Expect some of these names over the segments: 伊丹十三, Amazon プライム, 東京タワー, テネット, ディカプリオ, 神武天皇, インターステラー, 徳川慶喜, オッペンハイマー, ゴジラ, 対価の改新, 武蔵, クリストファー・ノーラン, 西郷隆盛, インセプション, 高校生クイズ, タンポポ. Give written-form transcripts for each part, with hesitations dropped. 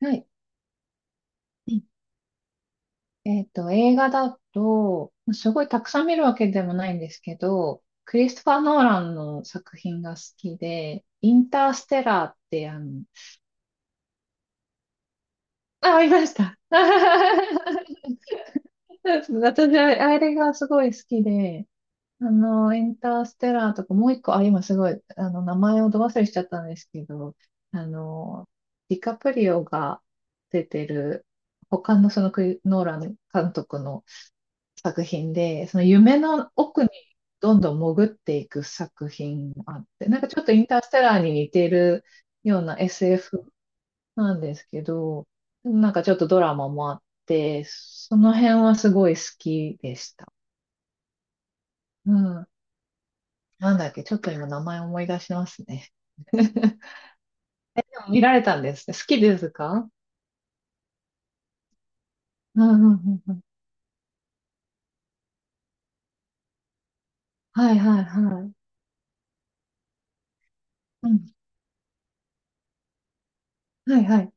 はい。うん。映画だと、すごいたくさん見るわけでもないんですけど、クリストファー・ノーランの作品が好きで、インターステラーって、あ、ありました。私、あれがすごい好きで、インターステラーとか、もう一個、あ、今すごい、名前をど忘れしちゃったんですけど、あの、ディカプリオが出てる、他のそのノーラン監督の作品で、その夢の奥にどんどん潜っていく作品もあって、なんかちょっとインターステラーに似ているような SF なんですけど、なんかちょっとドラマもあって、その辺はすごい好きでした。うん。なんだっけ、ちょっと今名前思い出しますね。見られたんですね。好きですか？うんうんうんうん。はいはいはい。うん。はいはい。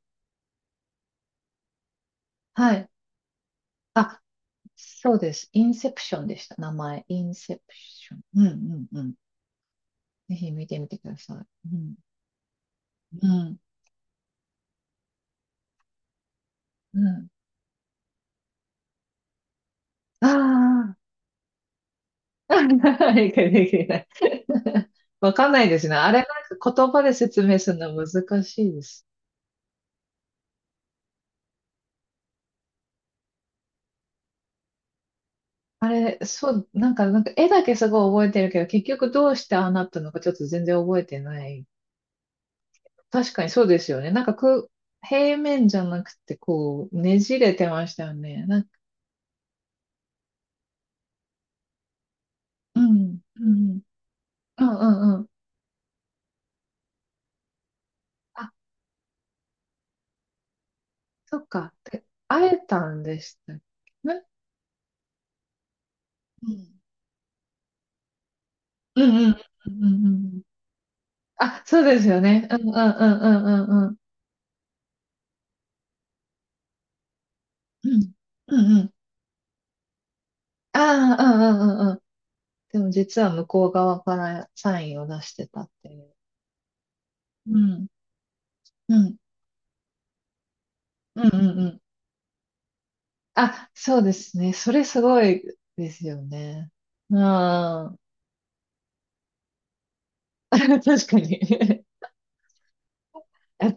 はい。あ、そうです。インセプションでした。名前。インセプション。うんうんうん。ぜひ見てみてください。うん。うん。うん。ああ。理解できない。わかんないですね。あれ、なんか言葉で説明するのは難しいです。あれ、そう、なんか絵だけすごい覚えてるけど、結局どうしてああなったのかちょっと全然覚えてない。確かにそうですよね。なんかく、平面じゃなくて、こう、ねじれてましたよね。なんか、うん、うん、うん、うん、うん。あ、そっか。で、会えたんでしたっけね。うん。うんうんうんうんうんうん。あ、そうですよね。うんうんうんうんうんうん。うんうんうん。ああ、うんうんうんうん。でも実は向こう側からサインを出してたっていう。うん。うん。うんうんうん。あ、そうですね。それすごいですよね。うん。確かに え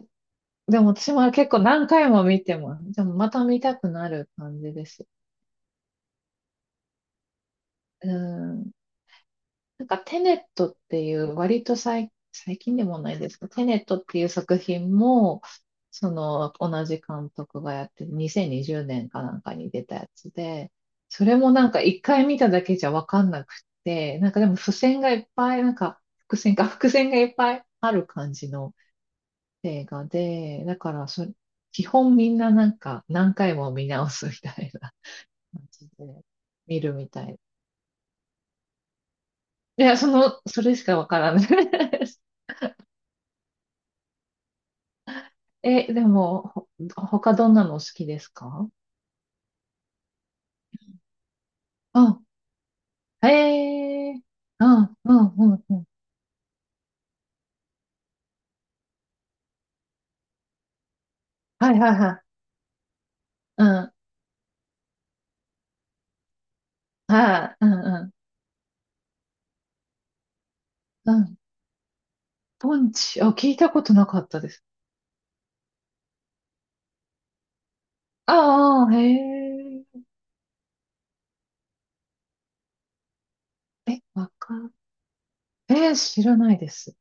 でも私も結構何回も見ても、でもまた見たくなる感じです。うん。なんかテネットっていう割と最近でもないですけど、テネットっていう作品も、その同じ監督がやってる2020年かなんかに出たやつで、それもなんか一回見ただけじゃわかんなくて、なんかでも付箋がいっぱい、なんか伏線がいっぱいある感じの映画で、だから基本みんななんか何回も見直すみたいな感じで見るみたい。いや、それしかわからない。でも、他どんなのお好きですか？あ、へえ、うん、うん、うん、うん。はいはいはい。うん、はい、うん、うん、うん。ポンチ、あ、聞いたことなかったです。ああ、へえ、え、わか、知らないです。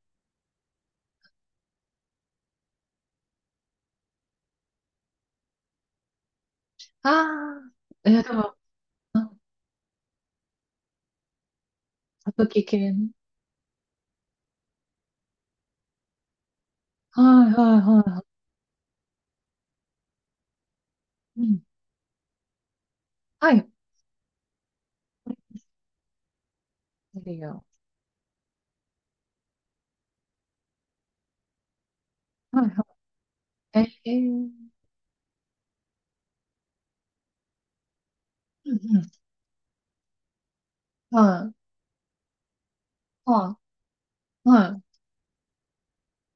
ああ、でも、うん、歌舞伎系ね。はいはいはいはい。うん、はい、いるよ。はいはい。えー、うん、うん、はい、はい、はい、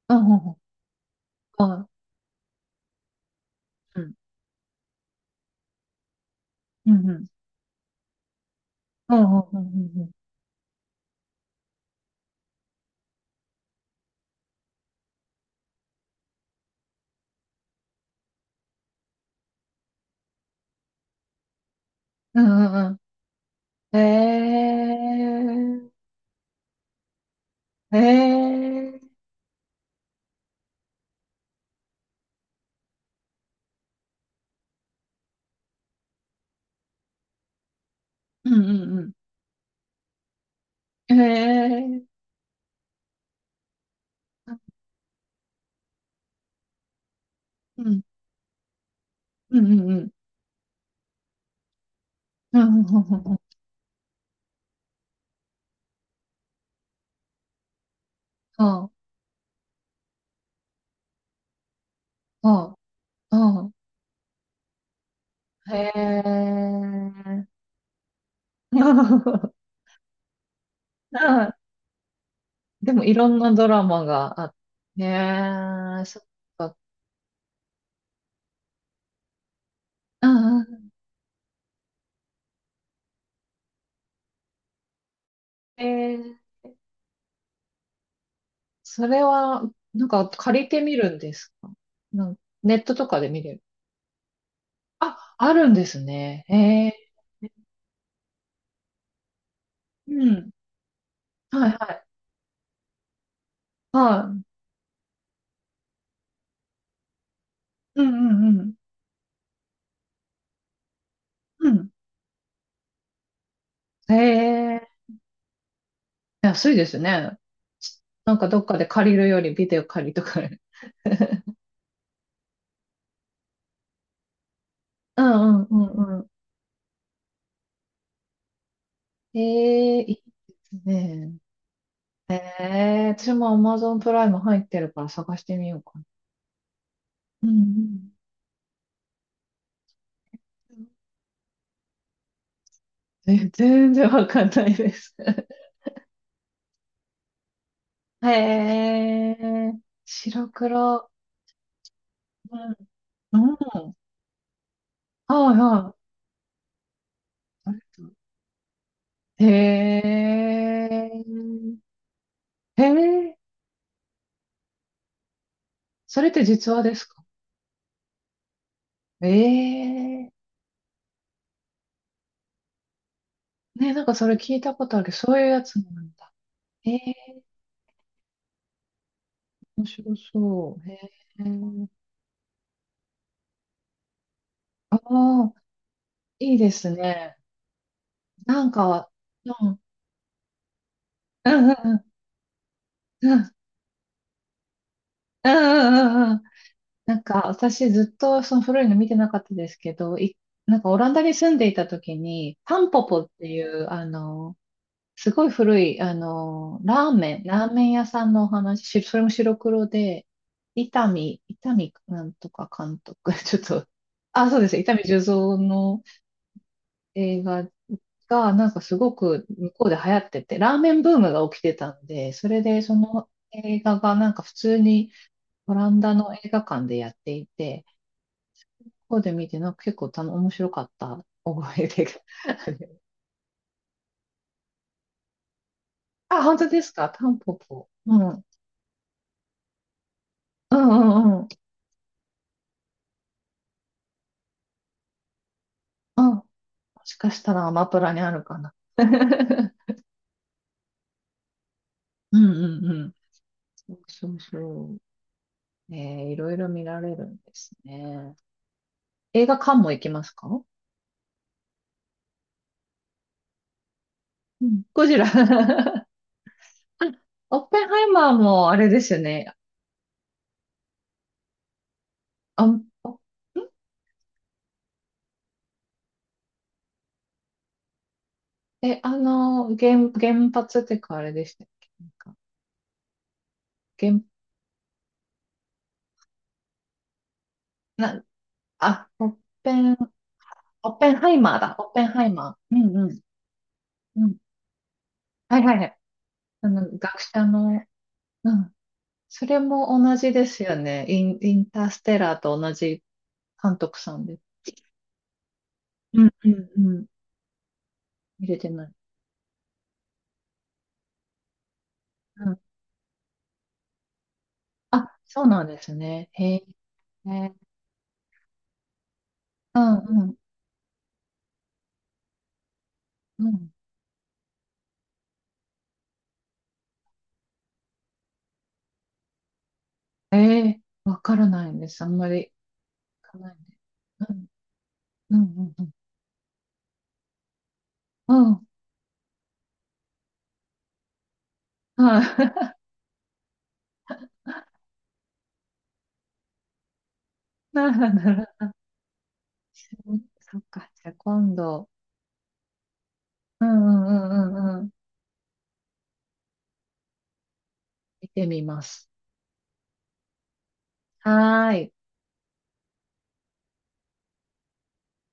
うん、うん、うん、はい、うん、うん、うん。うんうんうんうんうん。うんうんうん。えー、えー、うんうんうん。えー、うんうんうんうん。うんうんうんうんうん。ああ、ああ、へえ。あ、でもいろんなドラマがあって。へえ、そっか。うんうん。えー、それは、なんか借りてみるんですか？ネットとかで見れる。あ、あるんですね。へえ。うん。はいはい。はい。うんうんうん。うん。へえ、安いですね。なんかどっかで借りるよりビデオ借りとか。うんうんうんうん。へえ、いいですね。ええ、私も Amazon プライム入ってるから探してみようかな。うんうん。全然わかんないです。へえ、白黒。うん。うん。はいはい。ありがとう。へえ。へえ。それって実話ですか？ええー。ね、なんかそれ聞いたことある。そういうやつなんだ。ええー、面白そう。ええー。ああ、いいですね。なんか、うん、うん、うん、うん、うん、うん、うん。なんか私ずっとその古いの見てなかったですけど、なんかオランダに住んでいた時に、タンポポっていう、すごい古い、ラーメン屋さんのお話、それも白黒で、伊丹なんとか監督、ちょっと、あ、そうです、伊丹十三の映画が、なんかすごく向こうで流行ってて、ラーメンブームが起きてたんで、それでその映画がなんか普通にオランダの映画館でやっていて、ここで見て、なんか結構面白かった覚えでが。あ、本当ですか、タンポポ。うん。うんうんうん。うん。もしかしたらアマプラにあるかな。うんうんうん。そうそうそう。ねえー、いろいろ見られるんですね。映画館も行きますか？うん。ゴジラ オッペンハイマーもあれですよね。あん、あんえ、原発っていうかあれでしたっけなんか、原、な、あ、オッペン、オッペンハイマーだ。オッペンハイマー。うんうん。うん。はいはいはい。学者の、うん。それも同じですよね。インターステラーと同じ監督さんで。うん、うん、うん。見れてない。うん。あ、そうなんですね。へえ。うん、うん、うん。ええ、わからないんです。あんまり聞かないんで。うん、うん、うん、うん。うん。はい。なるほど。そそっか。じゃあ今度。うん、うん、うん、うん。うん。見てみます。はーい。